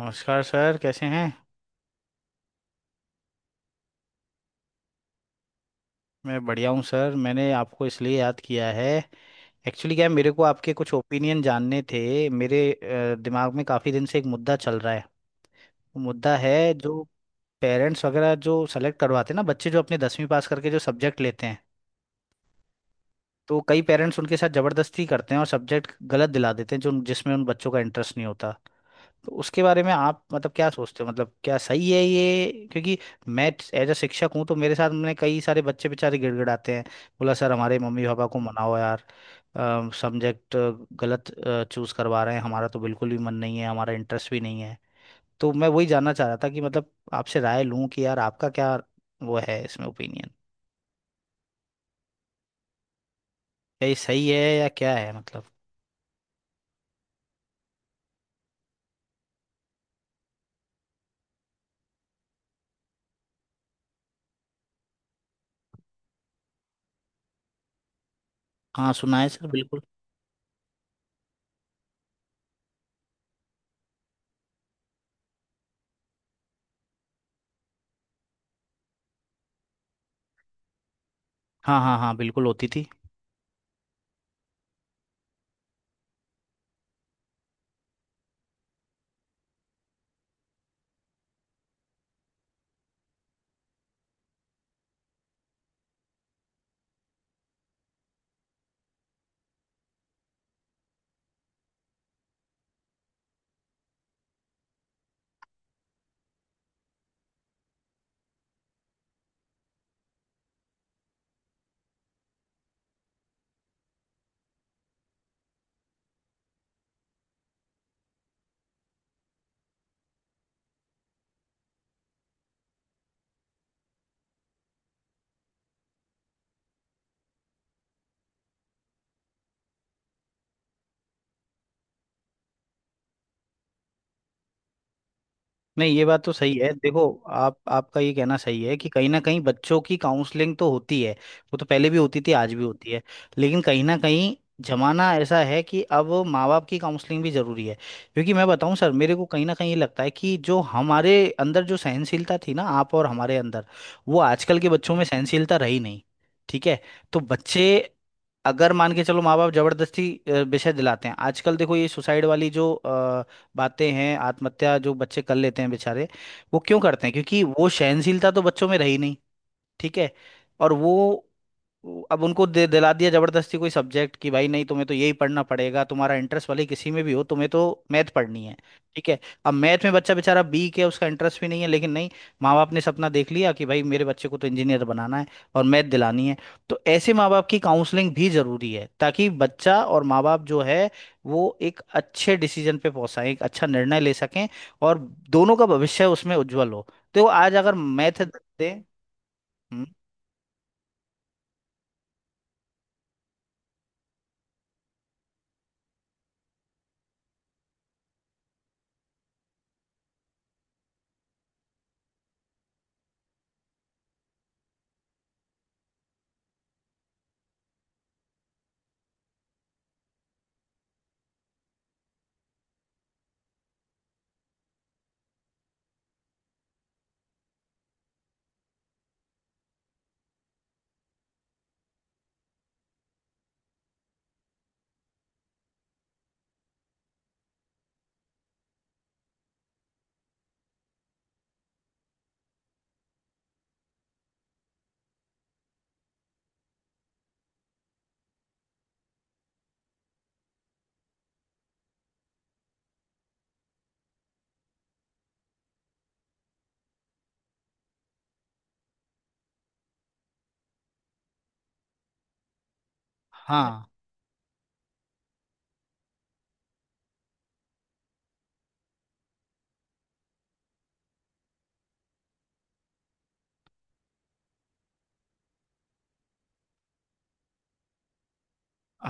नमस्कार सर, कैसे हैं। मैं बढ़िया हूँ सर। मैंने आपको इसलिए याद किया है, एक्चुअली क्या है, मेरे को आपके कुछ ओपिनियन जानने थे। मेरे दिमाग में काफ़ी दिन से एक मुद्दा चल रहा है। वो मुद्दा है जो पेरेंट्स वगैरह जो सेलेक्ट करवाते हैं ना, बच्चे जो अपने दसवीं पास करके जो सब्जेक्ट लेते हैं, तो कई पेरेंट्स उनके साथ ज़बरदस्ती करते हैं और सब्जेक्ट गलत दिला देते हैं, जो जिसमें उन बच्चों का इंटरेस्ट नहीं होता। तो उसके बारे में आप मतलब क्या सोचते हो, मतलब क्या सही है ये, क्योंकि मैं एज अ शिक्षक हूँ, तो मेरे साथ मैंने कई सारे बच्चे बेचारे गिड़गिड़ाते हैं। बोला सर हमारे मम्मी पापा को मनाओ यार, सब्जेक्ट गलत चूज करवा रहे हैं, हमारा तो बिल्कुल भी मन नहीं है, हमारा इंटरेस्ट भी नहीं है। तो मैं वही जानना चाह रहा था कि मतलब आपसे राय लूं कि यार आपका क्या वो है, इसमें ओपिनियन क्या, ये सही है या क्या है मतलब। हाँ सुना है सर, बिल्कुल। हाँ हाँ हाँ, बिल्कुल होती थी। नहीं ये बात तो सही है, देखो आप, आपका ये कहना सही है कि कहीं ना कहीं बच्चों की काउंसलिंग तो होती है। वो तो पहले भी होती थी, आज भी होती है। लेकिन कहीं ना कहीं जमाना ऐसा है कि अब माँ बाप की काउंसलिंग भी जरूरी है। क्योंकि मैं बताऊं सर, मेरे को कहीं ना कहीं ये लगता है कि जो हमारे अंदर जो सहनशीलता थी ना, आप और हमारे अंदर, वो आजकल के बच्चों में सहनशीलता रही नहीं। ठीक है। तो बच्चे अगर मान के चलो, माँ बाप जबरदस्ती विषय दिलाते हैं, आजकल देखो ये सुसाइड वाली जो बातें हैं, आत्महत्या जो बच्चे कर लेते हैं बेचारे, वो क्यों करते हैं, क्योंकि वो सहनशीलता तो बच्चों में रही नहीं। ठीक है। और वो अब उनको दे दिला दिया जबरदस्ती कोई सब्जेक्ट कि भाई नहीं, तुम्हें तो यही पढ़ना पड़ेगा, तुम्हारा इंटरेस्ट वाले किसी में भी हो, तुम्हें तो मैथ पढ़नी है। ठीक है। अब मैथ में बच्चा बेचारा वीक है, उसका इंटरेस्ट भी नहीं है, लेकिन नहीं, माँ बाप ने सपना देख लिया कि भाई मेरे बच्चे को तो इंजीनियर बनाना है और मैथ दिलानी है। तो ऐसे माँ बाप की काउंसलिंग भी जरूरी है, ताकि बच्चा और माँ बाप जो है वो एक अच्छे डिसीजन पे पहुंचा, एक अच्छा निर्णय ले सकें, और दोनों का भविष्य उसमें उज्जवल हो। तो आज अगर मैथ दे। हम्म? हाँ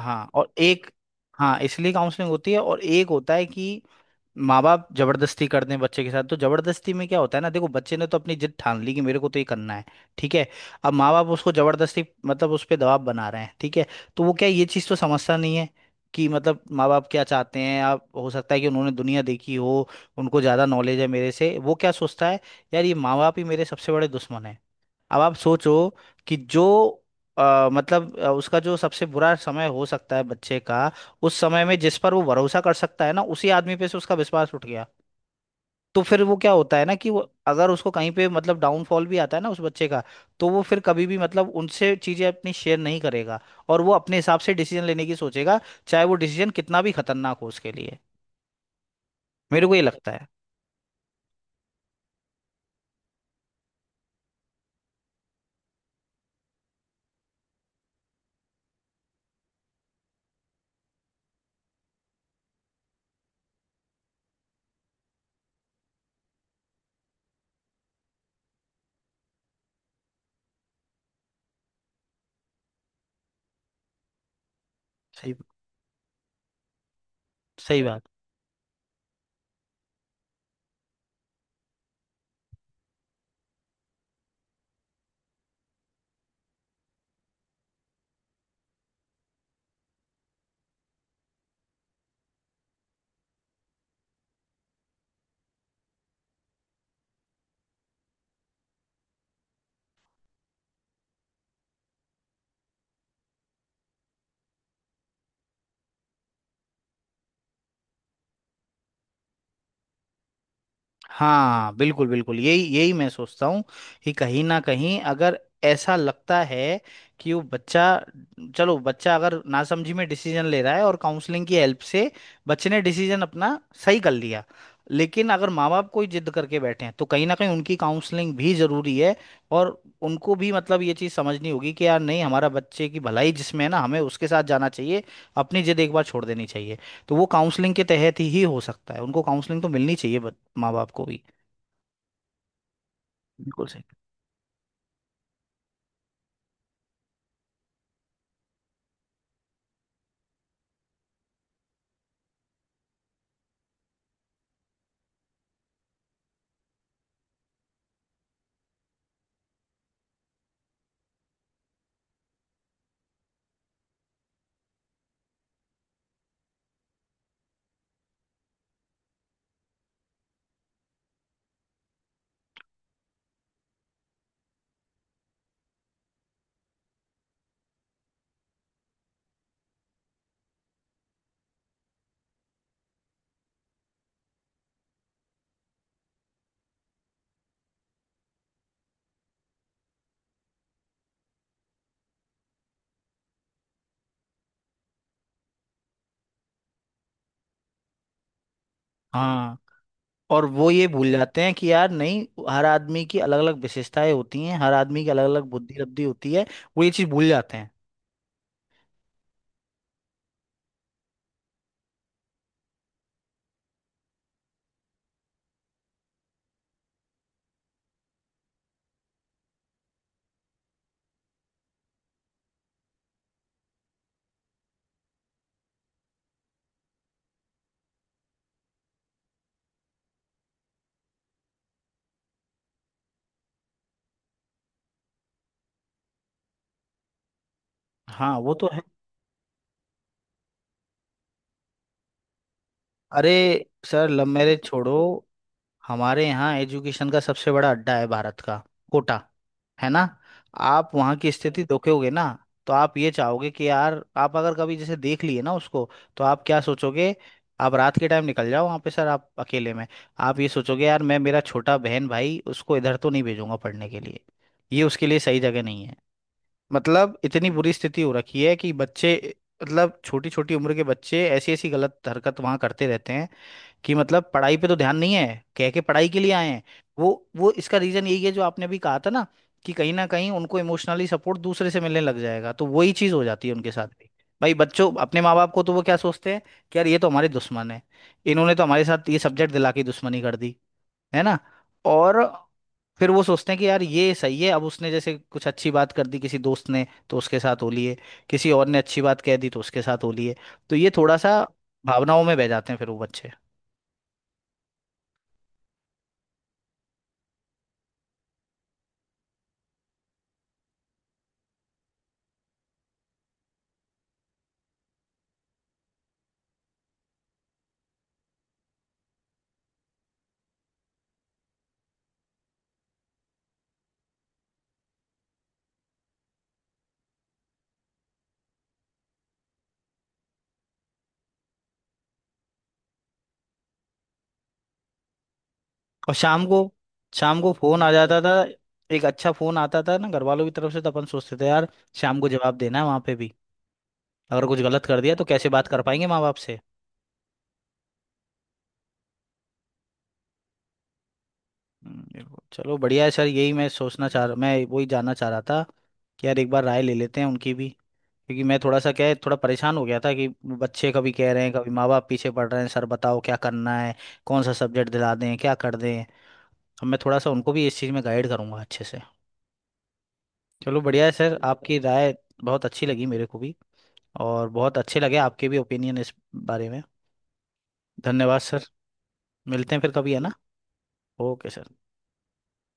हाँ, और एक। हाँ, इसलिए काउंसलिंग होती है। और एक होता है कि माँ बाप जबरदस्ती करते हैं बच्चे के साथ, तो जबरदस्ती में क्या होता है ना, देखो बच्चे ने तो अपनी जिद ठान ली कि मेरे को तो ये करना है। ठीक है। अब माँ बाप उसको जबरदस्ती मतलब उस पर दबाव बना रहे हैं। ठीक है। तो वो क्या है, ये चीज़ तो समझता नहीं है कि मतलब माँ बाप क्या चाहते हैं, आप हो सकता है कि उन्होंने दुनिया देखी हो, उनको ज़्यादा नॉलेज है मेरे से। वो क्या सोचता है, यार ये माँ बाप ही मेरे सबसे बड़े दुश्मन है। अब आप सोचो कि जो मतलब उसका जो सबसे बुरा समय हो सकता है बच्चे का, उस समय में जिस पर वो भरोसा कर सकता है ना, उसी आदमी पे से उसका विश्वास उठ गया, तो फिर वो क्या होता है ना, कि वो अगर उसको कहीं पे मतलब डाउनफॉल भी आता है ना उस बच्चे का, तो वो फिर कभी भी मतलब उनसे चीजें अपनी शेयर नहीं करेगा, और वो अपने हिसाब से डिसीजन लेने की सोचेगा, चाहे वो डिसीजन कितना भी खतरनाक हो उसके लिए। मेरे को ये लगता है। सही। सही बात। हाँ बिल्कुल बिल्कुल, यही यही मैं सोचता हूँ कि कहीं ना कहीं अगर ऐसा लगता है कि वो बच्चा, चलो बच्चा अगर नासमझी में डिसीजन ले रहा है और काउंसलिंग की हेल्प से बच्चे ने डिसीजन अपना सही कर लिया, लेकिन अगर माँ बाप कोई जिद करके बैठे हैं, तो कहीं ना कहीं उनकी काउंसलिंग भी जरूरी है। और उनको भी मतलब ये चीज़ समझनी होगी कि यार नहीं, हमारा बच्चे की भलाई जिसमें है ना, हमें उसके साथ जाना चाहिए, अपनी जिद एक बार छोड़ देनी चाहिए। तो वो काउंसलिंग के तहत ही हो सकता है, उनको काउंसलिंग तो मिलनी चाहिए, बट माँ बाप को भी। बिल्कुल सही। हाँ, और वो ये भूल जाते हैं कि यार नहीं, हर आदमी की अलग अलग विशेषताएं होती हैं, हर आदमी की अलग अलग बुद्धि लब्धि होती है। वो ये चीज़ भूल जाते हैं। हाँ वो तो है। अरे सर, लव मैरिज छोड़ो, हमारे यहाँ एजुकेशन का सबसे बड़ा अड्डा है, भारत का कोटा। है ना। आप वहाँ की स्थिति देखोगे ना, तो आप ये चाहोगे कि यार, आप अगर कभी जैसे देख लिए ना उसको, तो आप क्या सोचोगे। आप रात के टाइम निकल जाओ वहाँ पे सर, आप अकेले में, आप ये सोचोगे यार मैं मेरा छोटा बहन भाई उसको इधर तो नहीं भेजूंगा पढ़ने के लिए, ये उसके लिए सही जगह नहीं है। मतलब इतनी बुरी स्थिति हो रखी है कि बच्चे, मतलब छोटी छोटी उम्र के बच्चे ऐसी ऐसी गलत हरकत वहाँ करते रहते हैं कि मतलब पढ़ाई पे तो ध्यान नहीं है, कह के पढ़ाई के लिए आए हैं। वो इसका रीजन यही है जो आपने अभी कहा था ना, कि कहीं ना कहीं उनको इमोशनली सपोर्ट दूसरे से मिलने लग जाएगा, तो वही चीज हो जाती है उनके साथ भी। भाई बच्चों अपने माँ बाप को तो वो क्या सोचते हैं कि यार ये तो हमारे दुश्मन है, इन्होंने तो हमारे साथ ये सब्जेक्ट दिला के दुश्मनी कर दी है ना। और फिर वो सोचते हैं कि यार ये सही है, अब उसने जैसे कुछ अच्छी बात कर दी किसी दोस्त ने तो उसके साथ हो लिए, किसी और ने अच्छी बात कह दी तो उसके साथ हो लिए। तो ये थोड़ा सा भावनाओं में बह जाते हैं फिर वो बच्चे। और शाम को, शाम को फोन आ जाता था, एक अच्छा फोन आता था ना घर वालों की तरफ से, तो अपन सोचते थे यार शाम को जवाब देना है वहां पे भी, अगर कुछ गलत कर दिया तो कैसे बात कर पाएंगे माँ बाप से। चलो बढ़िया है सर, यही मैं सोचना चाह रहा, मैं वही जानना चाह रहा था कि यार एक बार राय ले लेते हैं उनकी भी, क्योंकि मैं थोड़ा सा क्या है, थोड़ा परेशान हो गया था कि बच्चे कभी कह रहे हैं, कभी माँ बाप पीछे पड़ रहे हैं, सर बताओ क्या करना है, कौन सा सब्जेक्ट दिला दें, क्या कर दें। अब मैं थोड़ा सा उनको भी इस चीज़ में गाइड करूंगा अच्छे से। चलो बढ़िया है सर, आपकी राय बहुत अच्छी लगी मेरे को भी, और बहुत अच्छे लगे आपके भी ओपिनियन इस बारे में। धन्यवाद सर, मिलते हैं फिर कभी, है ना। Okay sir.